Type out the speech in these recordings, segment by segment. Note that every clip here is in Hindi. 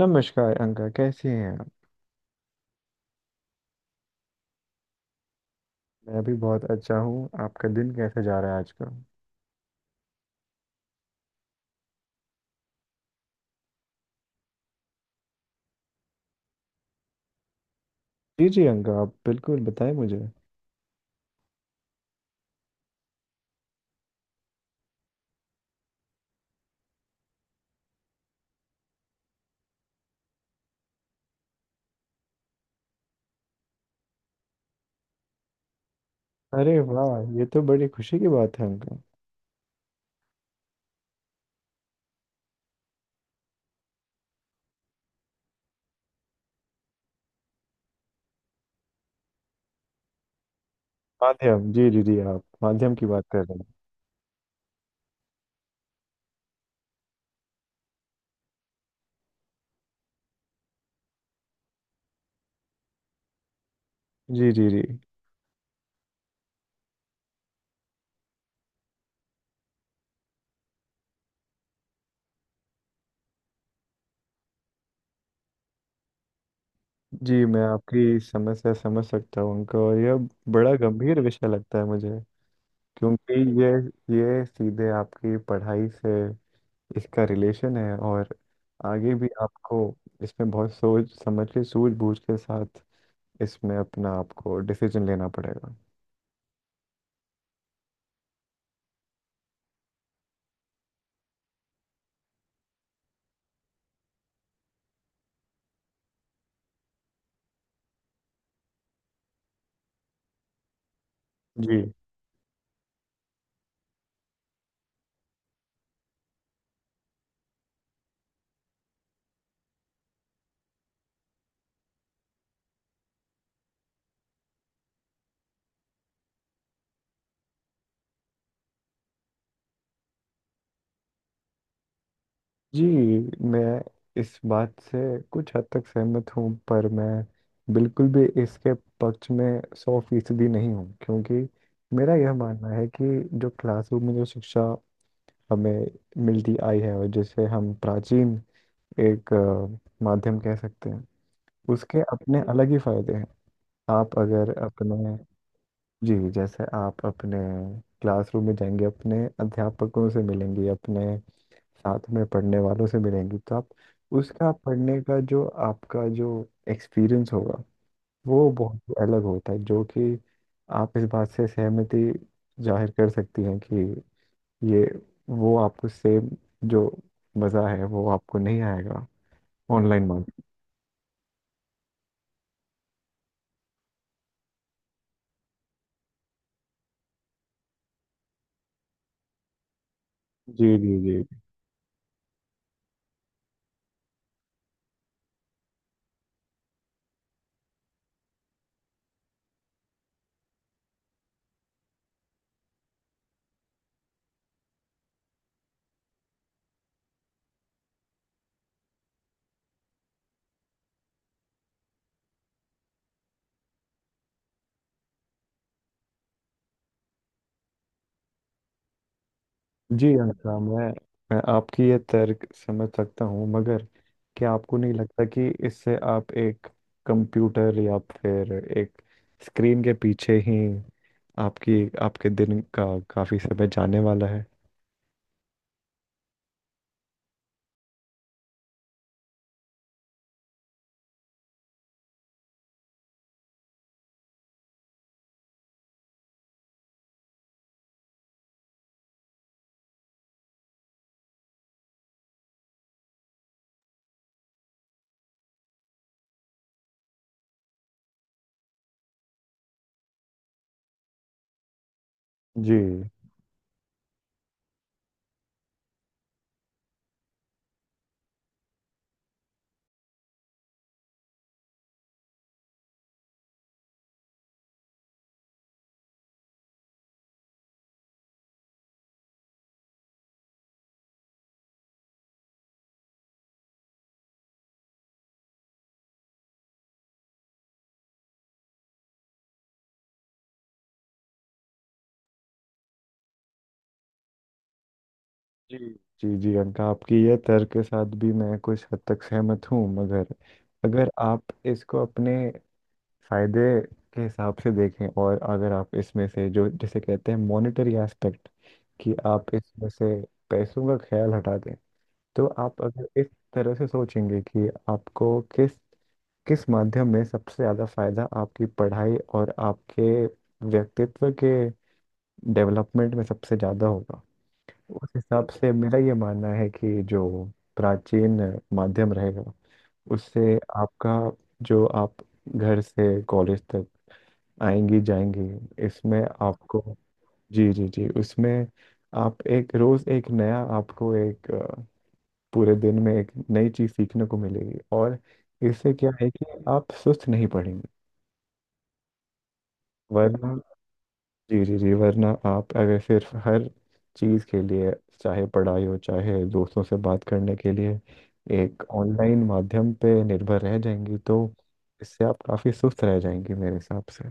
नमस्कार अंका, कैसी हैं आप। मैं भी बहुत अच्छा हूँ, आपका दिन कैसा जा रहा है आज का। जी जी अंका, आप बिल्कुल बताएं मुझे। अरे वाह, ये तो बड़ी खुशी की बात है अंका। माध्यम, जी जी जी आप माध्यम की बात कर रहे हैं। जी। जी मैं आपकी समस्या समझ सकता हूँ अंका, और यह बड़ा गंभीर विषय लगता है मुझे, क्योंकि ये ये सीधे आपकी पढ़ाई से इसका रिलेशन है, और आगे भी आपको इसमें बहुत सोच समझ के, सूझबूझ के साथ इसमें अपना आपको डिसीजन लेना पड़ेगा। जी जी मैं इस बात से कुछ हद तक सहमत हूँ, पर मैं बिल्कुल भी इसके पक्ष में सौ फीसदी नहीं हूँ, क्योंकि मेरा यह मानना है कि जो क्लासरूम में जो शिक्षा हमें मिलती आई है, और जिसे हम प्राचीन एक माध्यम कह सकते हैं, उसके अपने अलग ही फायदे हैं। आप अगर अपने, जी जैसे आप अपने क्लासरूम में जाएंगे, अपने अध्यापकों से मिलेंगे, अपने साथ में पढ़ने वालों से मिलेंगी, तो आप उसका पढ़ने का जो आपका जो एक्सपीरियंस होगा, वो बहुत अलग होता है। जो कि आप इस बात से सहमति जाहिर कर सकती हैं कि ये वो आपको सेम जो मज़ा है वो आपको नहीं आएगा ऑनलाइन मार्केट। जी। जी आशा, मैं आपकी ये तर्क समझ सकता हूँ, मगर क्या आपको नहीं लगता कि इससे आप एक कंप्यूटर या फिर एक स्क्रीन के पीछे ही आपकी आपके दिन का काफ़ी समय जाने वाला है। जी जी जी। जी अंका, आपकी ये तर्क के साथ भी मैं कुछ हद तक सहमत हूँ, मगर अगर आप इसको अपने फायदे के हिसाब से देखें, और अगर आप इसमें से जो जिसे कहते हैं मॉनेटरी एस्पेक्ट, कि आप इसमें से पैसों का ख्याल हटा दें, तो आप अगर इस तरह से सोचेंगे कि आपको किस किस माध्यम में सबसे ज़्यादा फायदा, आपकी पढ़ाई और आपके व्यक्तित्व के डेवलपमेंट में सबसे ज़्यादा होगा, उस हिसाब से मेरा ये मानना है कि जो प्राचीन माध्यम रहेगा उससे आपका, जो आप घर से कॉलेज तक आएंगी जाएंगी, इसमें आपको, जी जी जी उसमें आप एक रोज एक नया, आपको एक पूरे दिन में एक नई चीज सीखने को मिलेगी, और इससे क्या है कि आप सुस्त नहीं पड़ेंगे। वरना, जी जी जी वरना आप अगर सिर्फ हर चीज के लिए, चाहे पढ़ाई हो चाहे दोस्तों से बात करने के लिए, एक ऑनलाइन माध्यम पे निर्भर रह जाएंगी, तो इससे आप काफी सुस्त रह जाएंगी मेरे हिसाब से।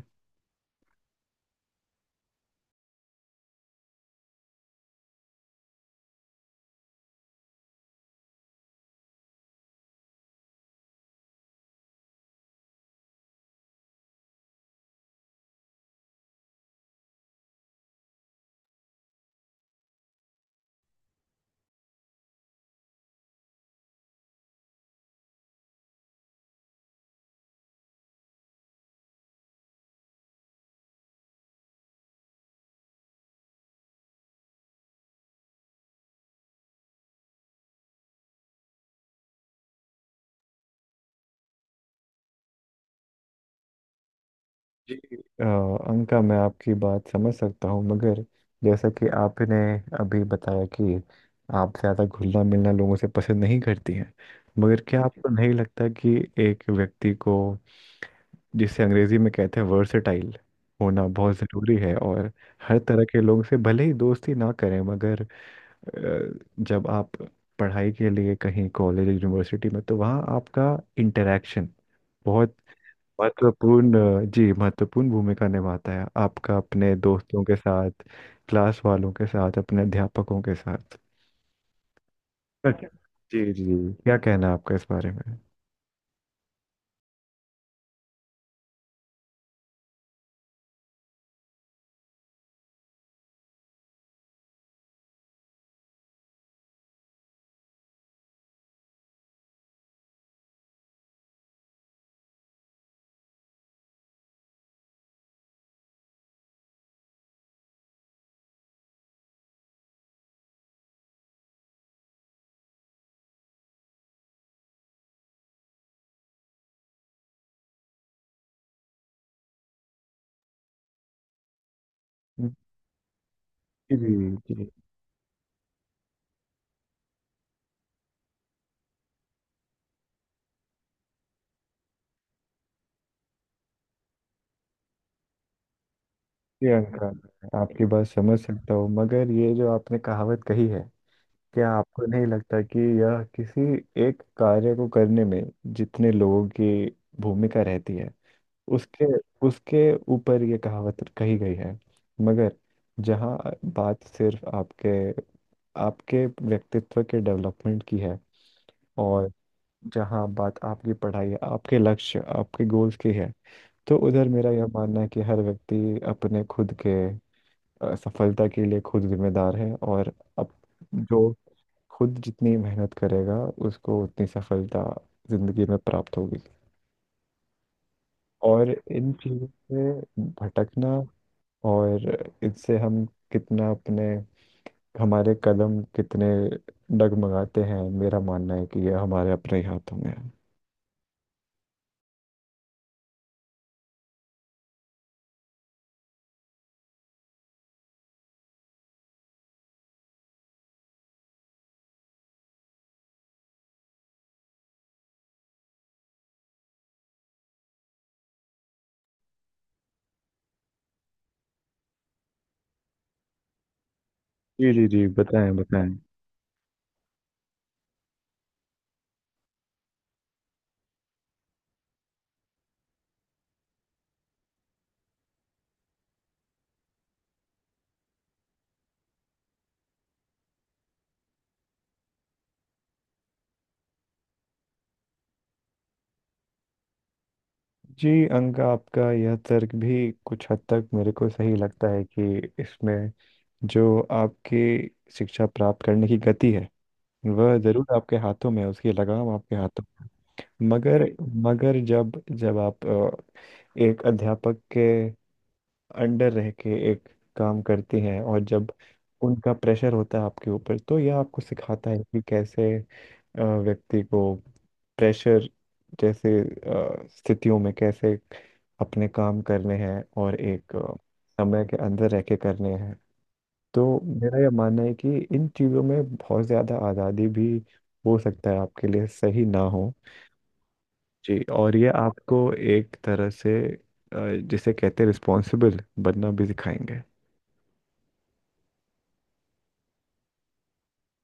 जी अ, अंका मैं आपकी बात समझ सकता हूँ, मगर जैसा कि आपने अभी बताया कि आप ज़्यादा घुलना मिलना लोगों से पसंद नहीं करती हैं, मगर क्या आपको नहीं लगता कि एक व्यक्ति को, जिसे अंग्रेजी में कहते हैं वर्सेटाइल, होना बहुत ज़रूरी है, और हर तरह के लोगों से भले ही दोस्ती ना करें, मगर अ, जब आप पढ़ाई के लिए कहीं कॉलेज यूनिवर्सिटी में, तो वहाँ आपका इंटरेक्शन बहुत महत्वपूर्ण, जी महत्वपूर्ण भूमिका निभाता है, आपका अपने दोस्तों के साथ, क्लास वालों के साथ, अपने अध्यापकों के साथ। अच्छा। जी जी जी। क्या कहना है आपका इस बारे में। जी जी जी। जी अंका, मैं आपकी बात समझ सकता हूँ, मगर ये जो आपने कहावत कही है, क्या आपको नहीं लगता कि यह किसी एक कार्य को करने में जितने लोगों की भूमिका रहती है, उसके उसके ऊपर ये कहावत कही गई है, मगर जहाँ बात सिर्फ आपके आपके व्यक्तित्व के डेवलपमेंट की है, और जहाँ बात आपकी पढ़ाई है, आपके लक्ष्य आपके गोल्स की है, तो उधर मेरा यह मानना है कि हर व्यक्ति अपने खुद के सफलता के लिए खुद जिम्मेदार है, और अब जो खुद जितनी मेहनत करेगा उसको उतनी सफलता जिंदगी में प्राप्त होगी, और इन चीज़ों से भटकना, और इससे हम कितना अपने, हमारे कदम कितने डगमगाते हैं, मेरा मानना है कि यह हमारे अपने ही हाथों में है। जी जी जी, बताएं बताएं। जी अंका, आपका यह तर्क भी कुछ हद तक मेरे को सही लगता है, कि इसमें जो आपकी शिक्षा प्राप्त करने की गति है, वह जरूर आपके हाथों में है, उसकी लगाम आपके हाथों में है। मगर मगर जब जब आप एक अध्यापक के अंडर रह के एक काम करती हैं, और जब उनका प्रेशर होता है आपके ऊपर, तो यह आपको सिखाता है कि कैसे व्यक्ति को प्रेशर जैसे स्थितियों में कैसे अपने काम करने हैं, और एक समय के अंदर रह के करने हैं। तो मेरा यह मानना है कि इन चीज़ों में बहुत ज़्यादा आज़ादी भी, हो सकता है आपके लिए सही ना हो। जी, और ये आपको एक तरह से अ, जिसे कहते हैं रिस्पॉन्सिबल बनना भी सिखाएंगे।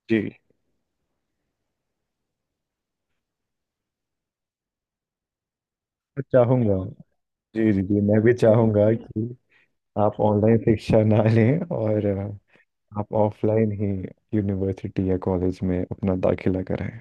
जी मैं चाहूंगा, जी जी जी मैं भी चाहूंगा कि आप ऑनलाइन शिक्षा ना लें, और आप ऑफलाइन ही यूनिवर्सिटी या कॉलेज में अपना दाखिला कराएं।